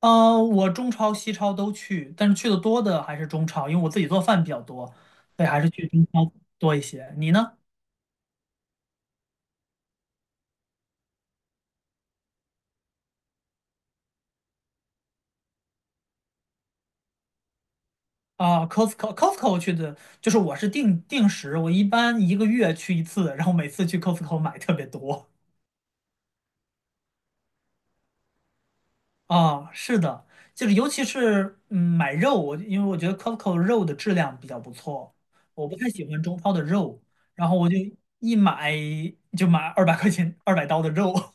我中超、西超都去，但是去的多的还是中超，因为我自己做饭比较多，所以还是去中超多一些。你呢？啊，Costco 去的，就是我是定时，我一般一个月去一次，然后每次去 Costco 买特别多。啊，是的，就是尤其是买肉，因为我觉得 Costco 肉的质量比较不错，我不太喜欢中超的肉，然后我就一买就买200块钱200刀的肉，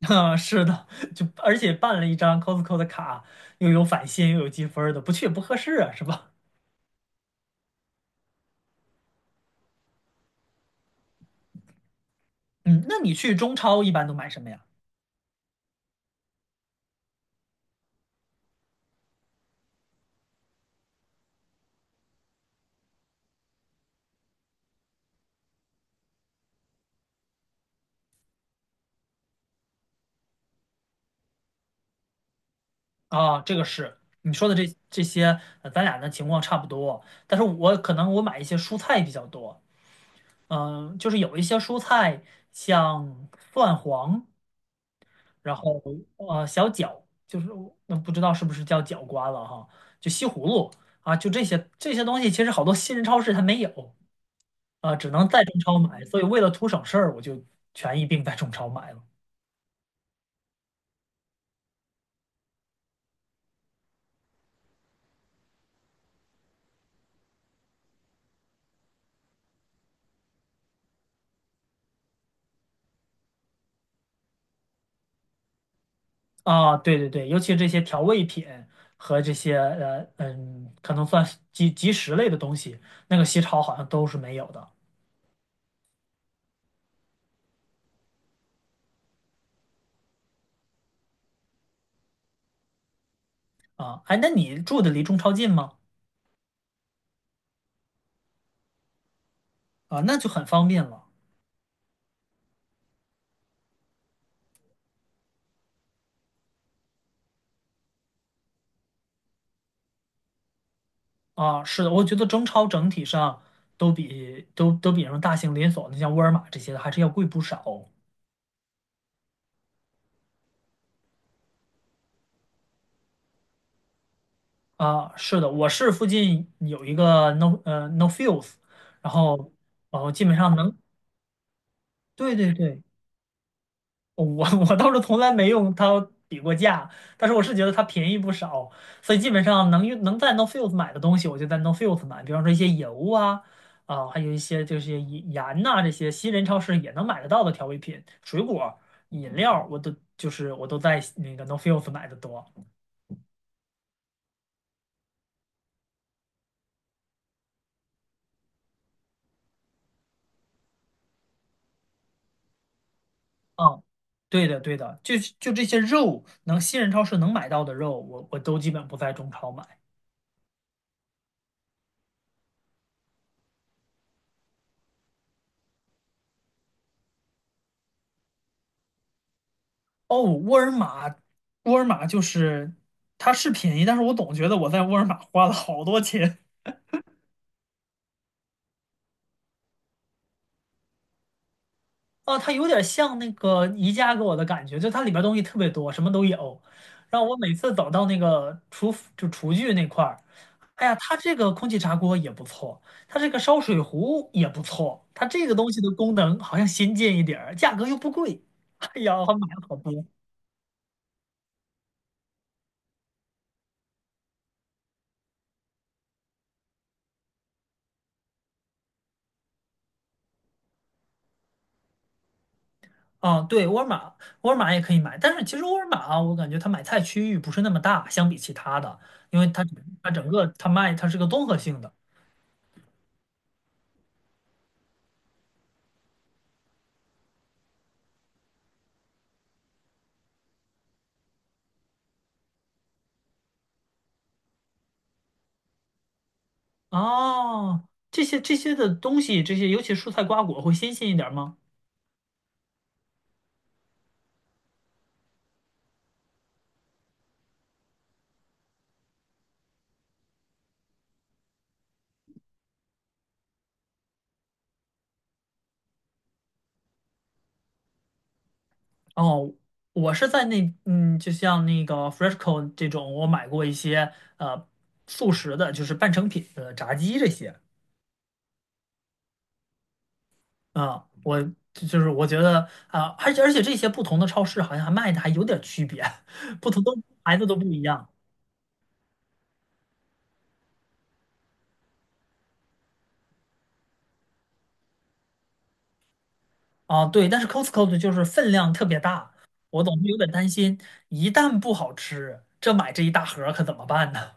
啊，是的，就而且办了一张 Costco 的卡，又有返现又有积分儿的，不去也不合适啊，是吧？嗯，那你去中超一般都买什么呀？啊，这个是你说的这些，咱俩的情况差不多，但是我可能我买一些蔬菜比较多，就是有一些蔬菜像蒜黄，然后小角，就是那不知道是不是叫角瓜了哈，就西葫芦啊，就这些东西，其实好多新人超市它没有。啊，只能在中超买，所以为了图省事儿，我就全一并在中超买了。啊，对对对，尤其这些调味品和这些可能算是即食类的东西，那个西超好像都是没有的啊。哎，那你住的离中超近吗？啊，那就很方便了啊。是的，我觉得中超整体上都比什么大型连锁的，像沃尔玛这些的还是要贵不少啊。是的，我市附近有一个 No Frills，然后然后基本上能。对对对，我我倒是从来没用它比过价，但是我是觉得它便宜不少，所以基本上能在 n o f i e l d 买的东西，我就在 n o f i e l d 买，比方说一些油啊，啊，还有一些就是盐呐、这些新人超市也能买得到的调味品、水果、饮料，我都在那个 n o f i e l d 买的多。嗯，对的对的，就是就这些肉能新人超市能买到的肉，我都基本不在中超买。哦，沃尔玛就是它是便宜，但是我总觉得我在沃尔玛花了好多钱。哦，它有点像那个宜家给我的感觉，就它里边东西特别多，什么都有。然后我每次走到那个厨具那块儿，哎呀，它这个空气炸锅也不错，它这个烧水壶也不错，它这个东西的功能好像先进一点儿，价格又不贵。哎呀，我买了好多。啊，对，沃尔玛也可以买，但是其实沃尔玛啊，我感觉它买菜区域不是那么大，相比其他的，因为它整个它是个综合性的。哦，这些的东西，这些尤其蔬菜瓜果会新鲜一点吗？哦，我是在那就像那个 Fresco h 这种，我买过一些呃速食的，就是半成品的炸鸡这些。啊，我就是我觉得啊，而且这些不同的超市好像还卖的还有点区别，不同的牌子都不一样啊。对，但是 Costco 的就是分量特别大，我总是有点担心，一旦不好吃，这一大盒儿可怎么办呢？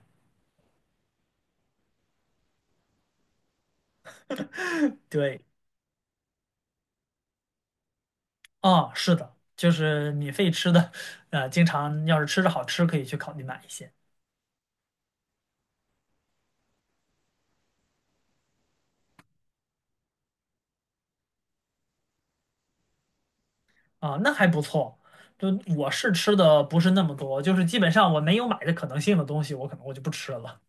对，啊，是的，就是免费吃的，经常要是吃着好吃，可以去考虑买一些啊，那还不错。就我是吃的不是那么多，就是基本上我没有买的可能性的东西，我可能我就不吃了。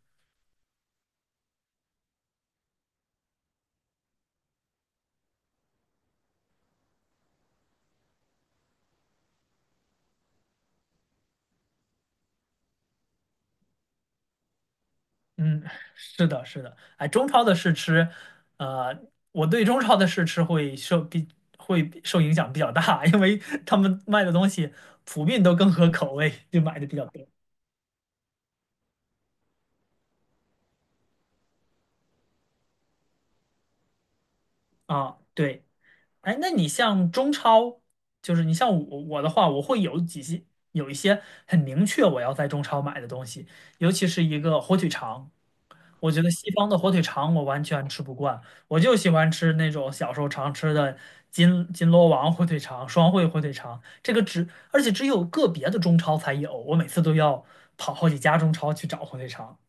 嗯，是的，是的，哎，中超的试吃，呃，我对中超的试吃会比受影响比较大，因为他们卖的东西普遍都更合口味，就买的比较多啊。对，哎，那你像中超，就是你像我的话，我会有一些很明确我要在中超买的东西，尤其是一个火腿肠。我觉得西方的火腿肠我完全吃不惯，我就喜欢吃那种小时候常吃的金锣王火腿肠、双汇火腿肠。这个而且只有个别的中超才有，我每次都要跑好几家中超去找火腿肠。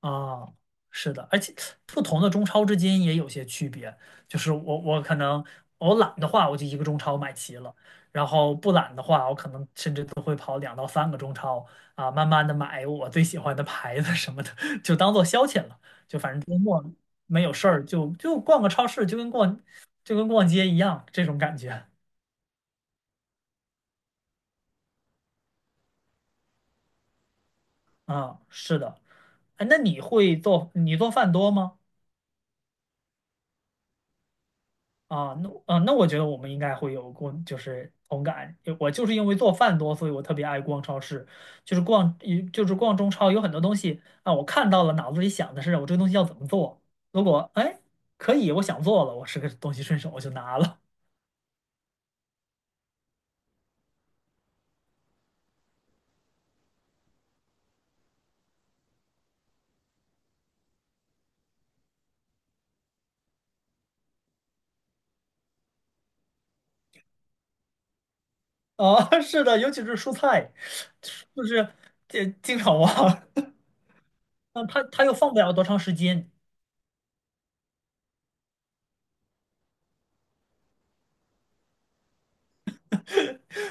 啊，是的，而且不同的中超之间也有些区别。就是我可能我懒的话，我就一个中超买齐了；然后不懒的话，我可能甚至都会跑两到三个中超啊，慢慢的买我最喜欢的牌子什么的，就当做消遣了。就反正周末没有事儿，就逛个超市，就跟逛街一样这种感觉啊。是的，哎，那你会做你做饭多吗？啊，那啊，那我觉得我们应该会有就是同感。因为我就是因为做饭多，所以我特别爱逛超市，就是逛，就是逛中超，有很多东西啊，我看到了，脑子里想的是我这个东西要怎么做。如果哎可以，我想做了，我是个东西顺手我就拿了。啊，是的，尤其是蔬菜，就是这经常忘，那它又放不了多长时间。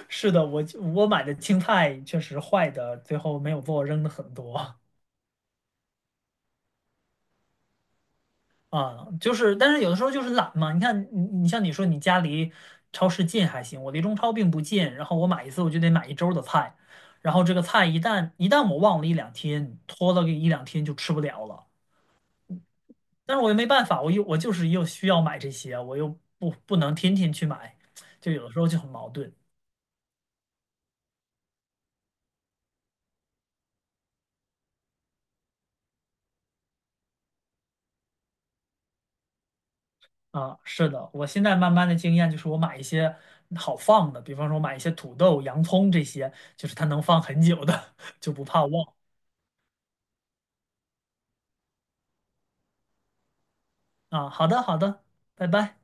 是的，我买的青菜确实坏的，最后没有做，扔的很多。啊，就是，但是有的时候就是懒嘛。你看，你像你说，你家离超市近还行，我离中超并不近。然后我买一次，我就得买一周的菜，然后这个菜一旦我忘了一两天，拖了个一两天就吃不了了。但是我又没办法，我就是又需要买这些，我又不能天天去买，就有的时候就很矛盾啊。是的，我现在慢慢的经验就是我买一些好放的，比方说我买一些土豆、洋葱这些，就是它能放很久的，就不怕忘。啊，好的好的，拜拜。